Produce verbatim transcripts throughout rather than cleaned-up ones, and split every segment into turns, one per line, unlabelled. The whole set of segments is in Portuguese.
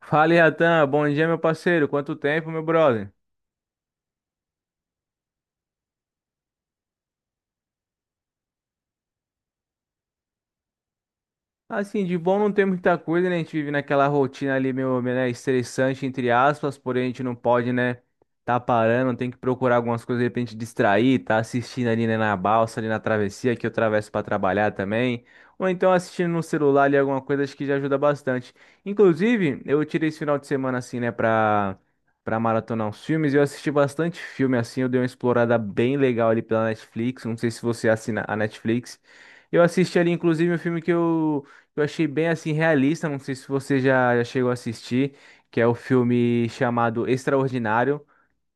Fala, Iatan. Bom dia, meu parceiro. Quanto tempo, meu brother? Assim, de bom não tem muita coisa, né? A gente vive naquela rotina ali meio, meio, né, estressante, entre aspas, porém a gente não pode, né, tá parando, tem que procurar algumas coisas de repente distrair, tá assistindo ali, né, na balsa, ali na travessia, que eu atravesso para trabalhar também, ou então assistindo no celular ali alguma coisa, acho que já ajuda bastante. Inclusive, eu tirei esse final de semana, assim, né, pra, pra maratonar uns filmes, e eu assisti bastante filme, assim, eu dei uma explorada bem legal ali pela Netflix, não sei se você assina a Netflix. Eu assisti ali, inclusive, um filme que eu eu achei bem assim realista, não sei se você já, já chegou a assistir, que é o filme chamado Extraordinário,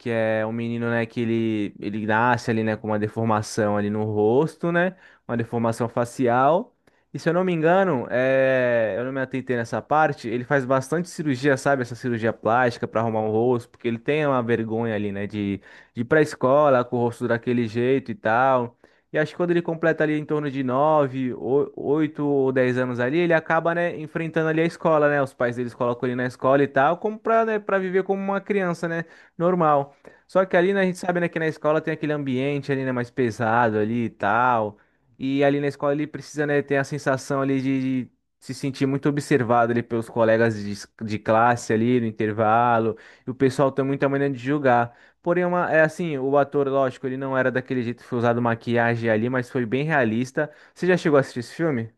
que é um menino, né, que ele, ele nasce ali, né, com uma deformação ali no rosto, né, uma deformação facial. E se eu não me engano, é, eu não me atentei nessa parte, ele faz bastante cirurgia, sabe, essa cirurgia plástica para arrumar o rosto, porque ele tem uma vergonha ali, né, de, de ir pra escola com o rosto daquele jeito e tal. E acho que quando ele completa ali em torno de nove, oito ou dez anos ali, ele acaba, né, enfrentando ali a escola, né? Os pais deles colocam ele na escola e tal, como pra, né, pra viver como uma criança, né, normal. Só que ali, né, a gente sabe, né, que na escola tem aquele ambiente ali, né, mais pesado ali e tal. E ali na escola ele precisa, né, ter a sensação ali de, de se sentir muito observado ali pelos colegas de, es- de classe ali no intervalo. E o pessoal tem muita maneira de julgar. Porém, é uma, é assim, o ator, lógico, ele não era daquele jeito, foi usado maquiagem ali, mas foi bem realista. Você já chegou a assistir esse filme?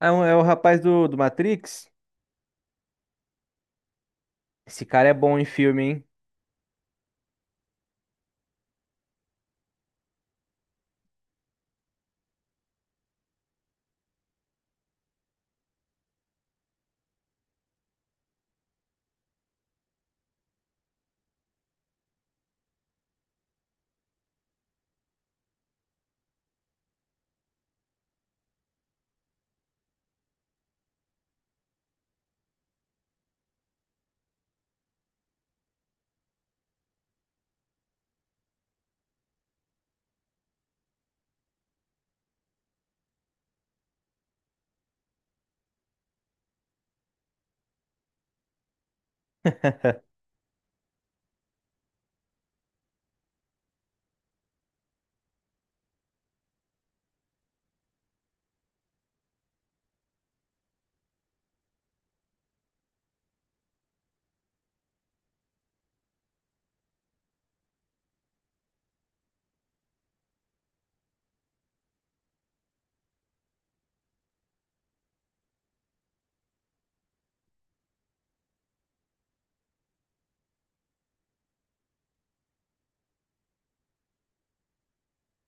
É, um- é o rapaz do, do Matrix? Esse cara é bom em filme, hein?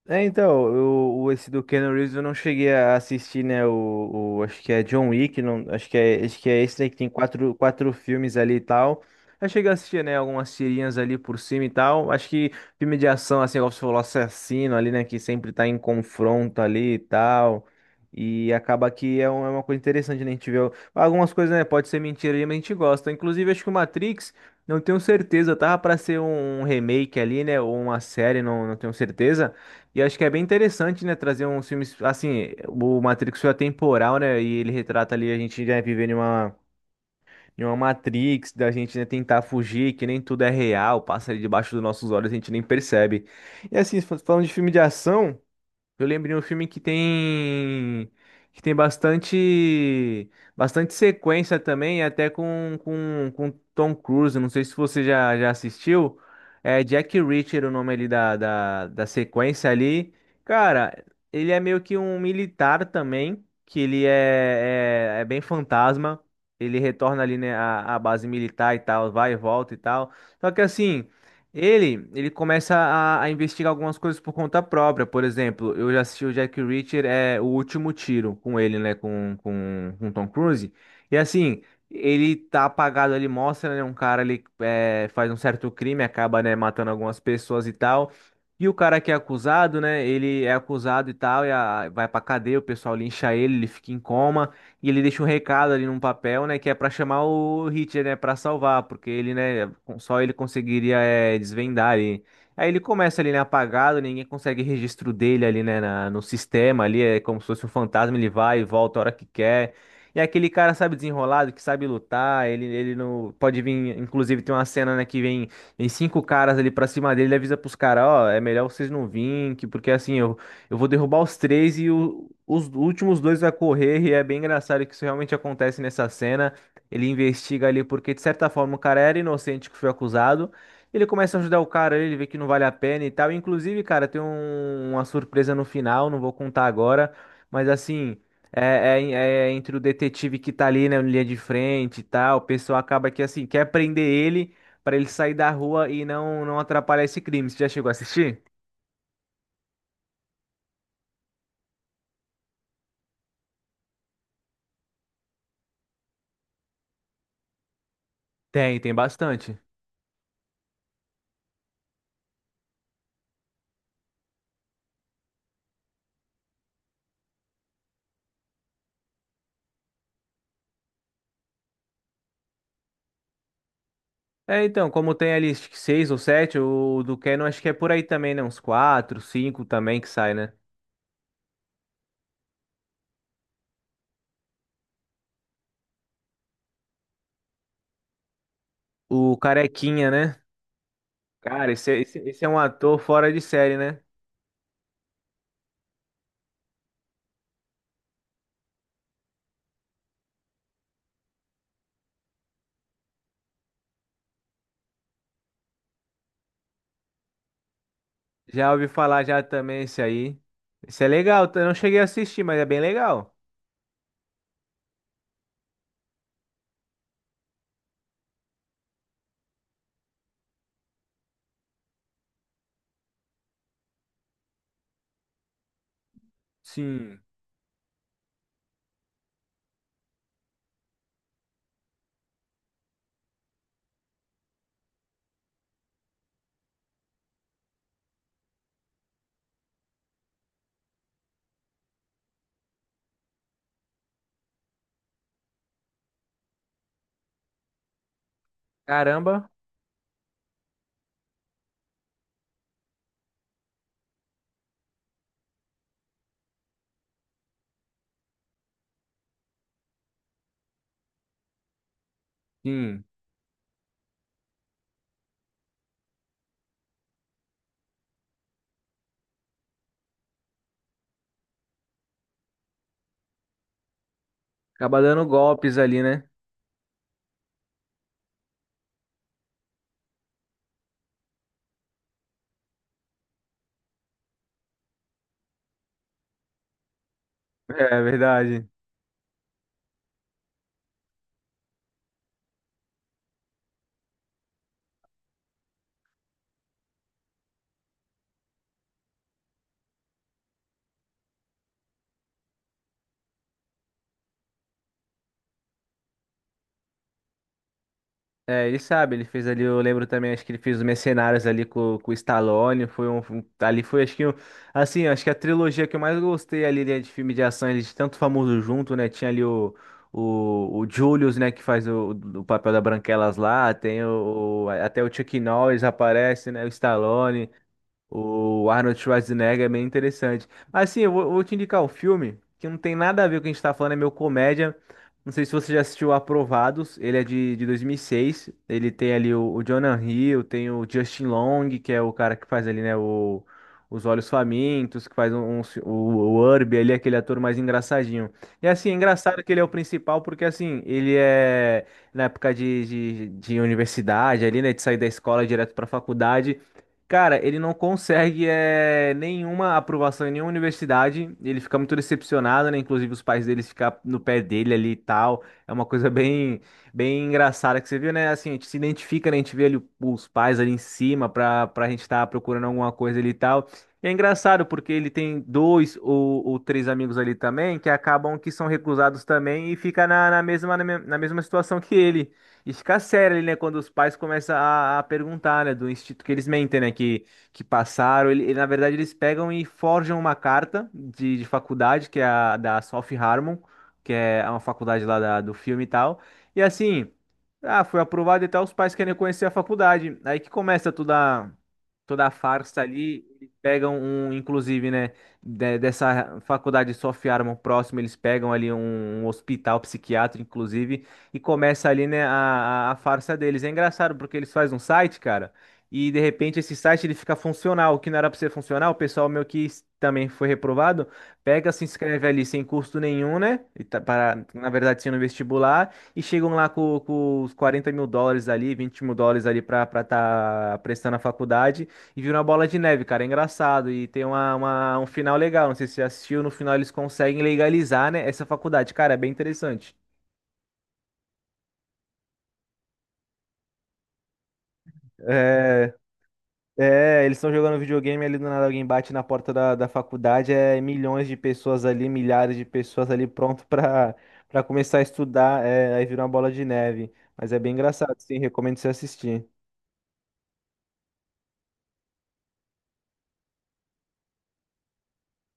É, então, eu, o- esse do Keanu Reeves eu não cheguei a assistir, né? O, o- acho que é John Wick, não, acho que é, acho que é esse aí que tem quatro, quatro filmes ali e tal. Eu cheguei a assistir, né, algumas tirinhas ali por cima e tal. Acho que filme de ação, assim, igual você falou, assassino ali, né, que sempre tá em confronto ali e tal. E acaba que é, um- é uma coisa interessante, né? A gente vê o- algumas coisas, né? Pode ser mentira ali, mas a gente gosta. Inclusive, acho que o Matrix, não tenho certeza, tava pra ser um um remake ali, né? Ou uma série, não, não tenho certeza. E acho que é bem interessante, né, trazer uns filmes, assim. O Matrix foi atemporal, né, e ele retrata ali a gente, né, vivendo em uma, em uma, Matrix, da gente, né, tentar fugir, que nem tudo é real, passa ali debaixo dos nossos olhos, a gente nem percebe. E assim, fa- falando de filme de ação, eu lembrei um filme que tem que tem bastante bastante sequência também, até com, com, com Tom Cruise. Não sei se você já, já assistiu. É Jack Reacher o nome ali da, da, da sequência ali. Cara, ele é meio que um militar também, que ele é, é, é bem fantasma. Ele retorna ali, né, à, à base militar e tal, vai e volta e tal. Só que assim. Ele, ele começa a, a investigar algumas coisas por conta própria. Por exemplo, eu já assisti o Jack Reacher, é O Último Tiro, com ele, né? Com, com, com Tom Cruise. E assim, ele tá apagado ali, mostra, né? Um cara ali é, faz um certo crime, acaba, né, matando algumas pessoas e tal. E o cara que é acusado, né? Ele é acusado e tal, e a- vai pra cadeia, o pessoal lincha ele, ele fica em coma. E ele deixa um recado ali num papel, né, que é pra chamar o Hitler, né, pra salvar, porque ele, né, com- só ele conseguiria é, desvendar ali. Aí ele começa ali, né, apagado, ninguém consegue registro dele ali, né, na- no sistema ali, é como se fosse um fantasma. Ele vai e volta a hora que quer. E é aquele cara, sabe, desenrolado, que sabe lutar. Ele, ele não pode vir. Inclusive, tem uma cena, né, que vem, vem cinco caras ali pra cima dele. Ele avisa pros caras: "Ó, é melhor vocês não virem, que- porque assim, eu eu vou derrubar os três e o- os últimos dois vai correr", e é bem engraçado que isso realmente acontece nessa cena. Ele investiga ali porque, de certa forma, o cara era inocente que foi acusado. Ele começa a ajudar o cara, ele vê que não vale a pena e tal. Inclusive, cara, tem um- uma surpresa no final, não vou contar agora, mas assim, é, é- é entre o detetive que tá ali, né, na linha de frente e tal. O pessoal acaba que, assim, quer prender ele pra ele sair da rua e não, não atrapalhar esse crime. Você já chegou a assistir? Tem, tem bastante. É, então, como tem ali acho que seis ou sete, o do Canon acho que é por aí também, né? Uns quatro, cinco também que sai, né? O Carequinha, né? Cara, esse, é- esse, esse é um ator fora de série, né? Já ouvi falar já também esse aí. Esse é legal, eu não cheguei a assistir, mas é bem legal. Sim. Caramba, sim. Acaba dando golpes ali, né? É verdade. É, ele sabe, ele fez ali, eu lembro também, acho que ele fez os Mercenários ali com, com o Stallone, foi um, um- ali foi, acho que, um- assim, acho que a trilogia que eu mais gostei ali, né, de filme de ação, eles tanto famoso junto, né, tinha ali o, o, o Julius, né, que faz o, o papel da Branquelas lá, tem o, o- até o Chuck Norris aparece, né, o Stallone, o Arnold Schwarzenegger é bem interessante. Mas sim, eu vou, vou te indicar um filme que não tem nada a ver com o que a gente tá falando, é meu comédia. Não sei se você já assistiu Aprovados, ele é de, de dois mil e seis. Ele tem ali o, o Jonah Hill, tem o Justin Long, que é o cara que faz ali, né, o, Os Olhos Famintos, que faz um, um ci- o, o Urbe ali, aquele ator mais engraçadinho. E assim, é engraçado que ele é o principal, porque assim, ele é na época de, de, de universidade ali, né, de sair da escola direto pra faculdade. Cara, ele não consegue eh, nenhuma aprovação em nenhuma universidade. Ele fica muito decepcionado, né? Inclusive os pais dele ficam no pé dele ali e tal. É uma coisa bem, bem engraçada que você viu, né? Assim, a gente se identifica, né? A gente vê ali o- os pais ali em cima pra, pra, gente estar procurando alguma coisa ali e tal. E é engraçado porque ele tem dois ou, ou três amigos ali também que acabam que são recusados também e fica na, na mesma, na me- na mesma situação que ele. Isso fica sério ali, né? Quando os pais começam a, a perguntar, né, do instituto que eles mentem, né, Que, que passaram. Ele, ele- na verdade, eles pegam e forjam uma carta de, de faculdade, que é a da South Harmon, que é uma faculdade lá da- do filme e tal. E assim, ah, foi aprovado e tal, os pais querem conhecer a faculdade. Aí que começa toda, toda a farsa ali. Eles pegam um, inclusive, né, de- dessa faculdade South Harmon próximo, eles pegam ali um um hospital psiquiátrico, inclusive, e começa ali, né, a, a a farsa deles. É engraçado porque eles fazem um site, cara, e de repente esse site ele fica funcional, o que não era pra ser funcional, o pessoal meu que s- também foi reprovado, pega, se inscreve ali sem custo nenhum, né, e tá- para, na verdade, sendo vestibular, e chegam lá com, com os quarenta mil dólares ali, vinte mil dólares ali pra estar tá prestando a faculdade, e vira uma bola de neve, cara, é engraçado, e tem uma, uma- um final legal, não sei se você assistiu, no final eles conseguem legalizar, né, essa faculdade, cara, é bem interessante. É. É, eles estão jogando videogame ali, do nada alguém bate na porta da, da faculdade, é milhões de pessoas ali, milhares de pessoas ali pronto para para começar a estudar, é, aí vira uma bola de neve. Mas é bem engraçado, sim, recomendo você assistir.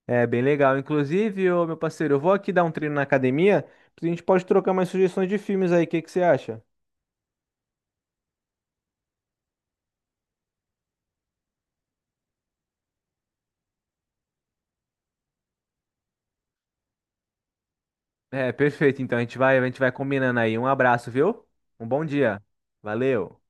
É bem legal. Inclusive, ô, meu parceiro, eu vou aqui dar um treino na academia, a gente pode trocar mais sugestões de filmes aí, o que que você acha? É, perfeito. Então a gente vai, a gente vai combinando aí. Um abraço, viu? Um bom dia. Valeu.